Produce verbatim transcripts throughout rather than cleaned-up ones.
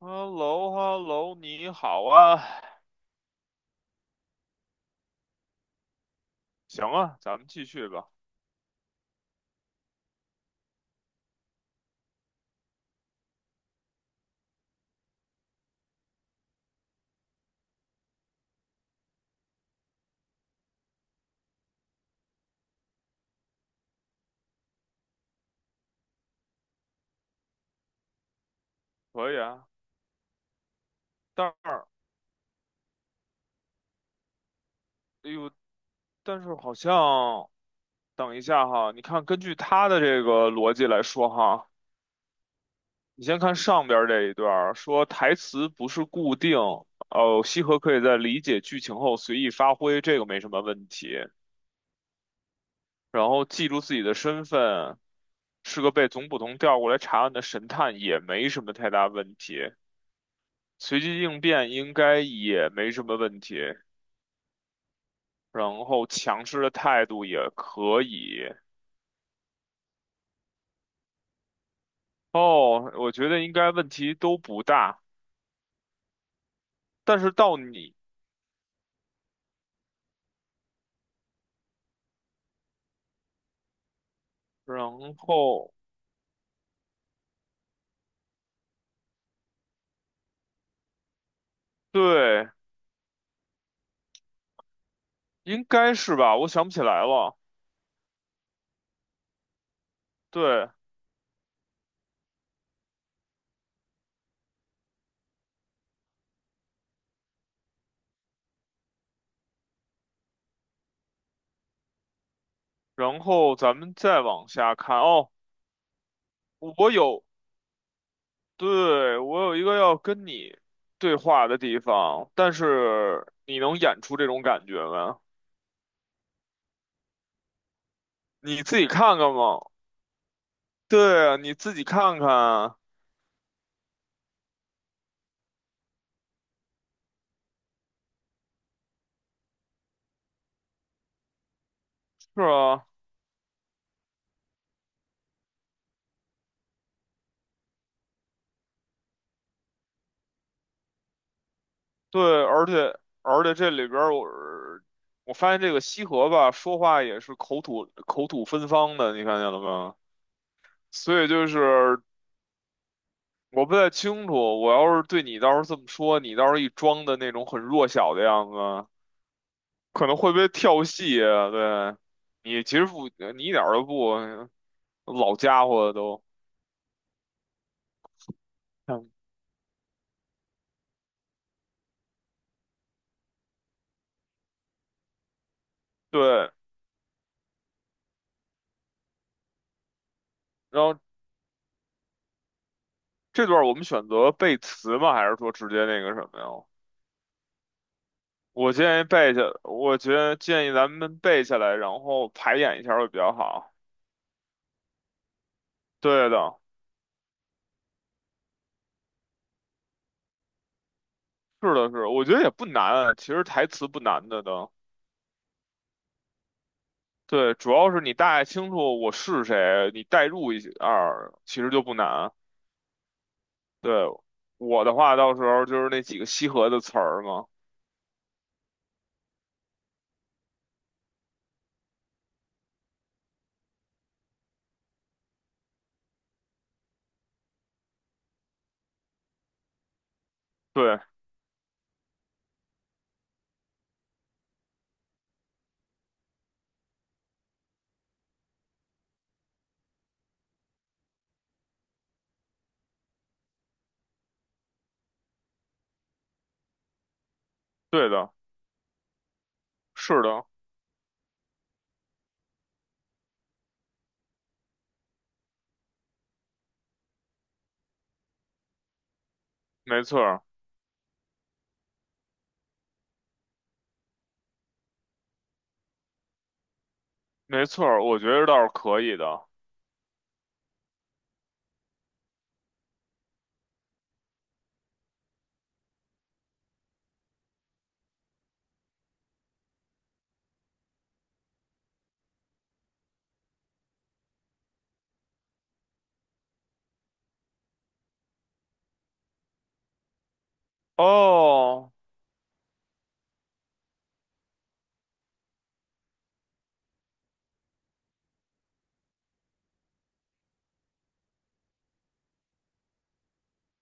h e l l o h e l l o 你好啊，行啊，咱们继续吧，可以啊。但是，哎呦，但是好像，等一下哈，你看，根据他的这个逻辑来说哈，你先看上边儿这一段儿，说台词不是固定，哦，西河可以在理解剧情后随意发挥，这个没什么问题。然后记住自己的身份，是个被总捕头调过来查案的神探，也没什么太大问题。随机应变应该也没什么问题，然后强势的态度也可以。哦，我觉得应该问题都不大，但是到你，然后对，应该是吧？我想不起来了。对，然后咱们再往下看。哦，我有，对，我有一个要跟你对话的地方，但是你能演出这种感觉吗？你自己看看嘛。对啊，你自己看看啊。是啊，对，而且而且这里边儿我我发现这个西河吧，说话也是口吐口吐芬芳的，你看见了吗？所以就是我不太清楚，我要是对你到时候这么说，你到时候一装的那种很弱小的样子，可能会被跳戏啊。对，你其实不，你一点儿都不老家伙都。嗯对，然后这段我们选择背词吗？还是说直接那个什么呀？我建议背下，我觉得建议咱们背下来，然后排演一下会比较好。对的，是的是，我觉得也不难，其实台词不难的都。对，主要是你大概清楚我是谁，你代入一下儿其实就不难。对，我的话到时候就是那几个西河的词儿嘛。对，对的，是的，没错儿，没错儿，我觉得倒是可以的。哦，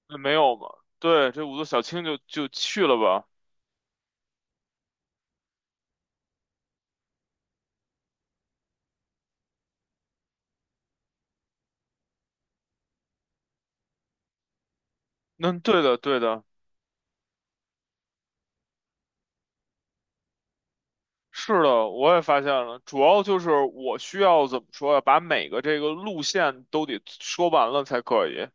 那没有吧？对，这五座小青就就去了吧。那对的，对的。是的，我也发现了，主要就是我需要怎么说呀，把每个这个路线都得说完了才可以。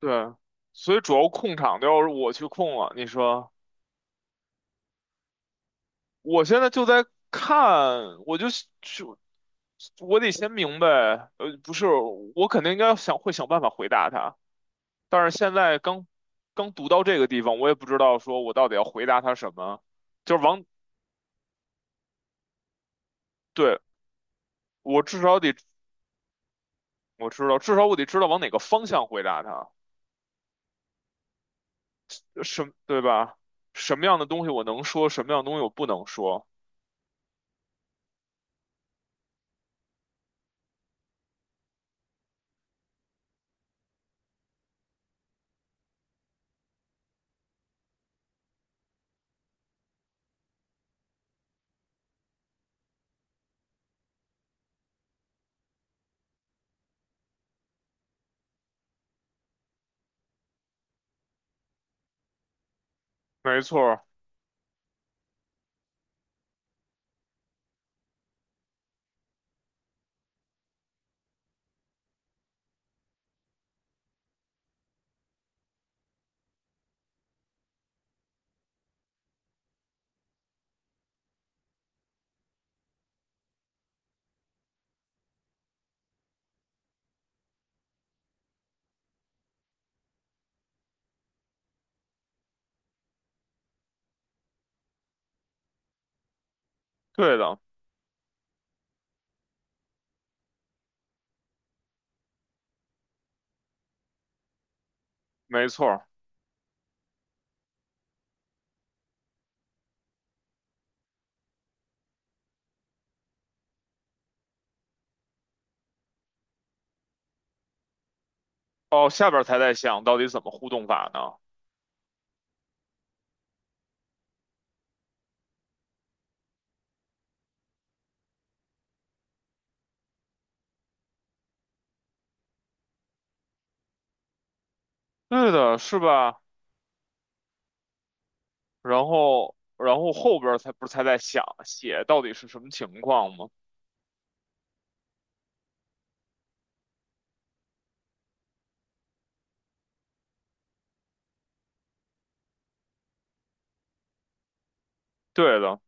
对，所以主要控场都要是我去控了。你说，我现在就在看，我就就我得先明白，呃，不是，我肯定应该想会想办法回答他，但是现在刚刚读到这个地方，我也不知道说我到底要回答他什么，就是往，对，我至少得，我知道，至少我得知道往哪个方向回答他。什对吧？什么样的东西我能说，什么样的东西我不能说？没错儿，对的，没错儿。哦，下边儿才在想到底怎么互动法呢？对的，是吧？然后，然后后边儿才不是才在想写到底是什么情况吗？对的，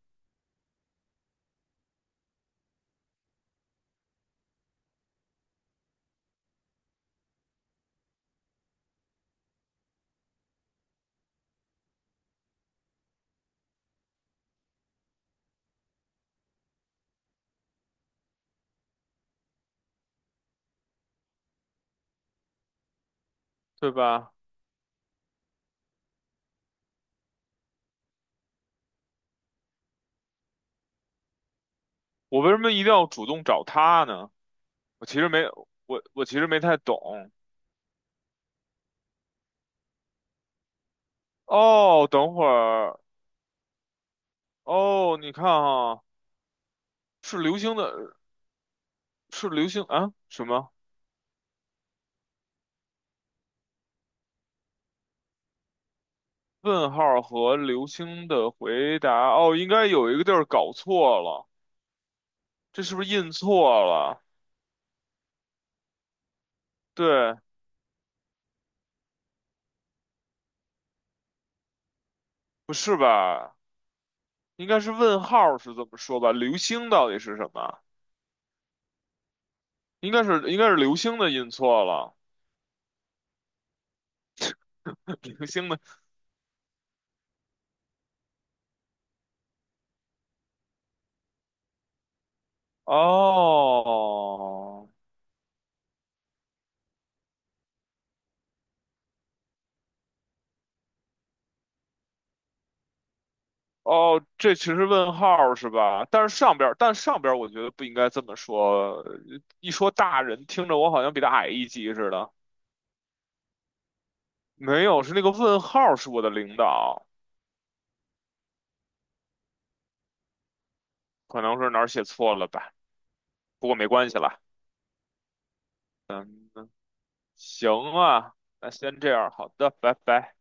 对吧？我为什么一定要主动找他呢？我其实没，我我其实没太懂。哦，等会儿，哦，你看啊，是流星的，是流星啊？什么？问号和流星的回答，哦，应该有一个地儿搞错了，这是不是印错了？对，不是吧？应该是问号是这么说吧？流星到底是什么？应该是应该是流星的印错了，流星的哦哦，这其实问号是吧？但是上边儿，但上边儿我觉得不应该这么说，一说大人听着我好像比他矮一级似的。没有，是那个问号是我的领导。可能是哪儿写错了吧，不过没关系啦。嗯行啊，那先这样，好的，拜拜。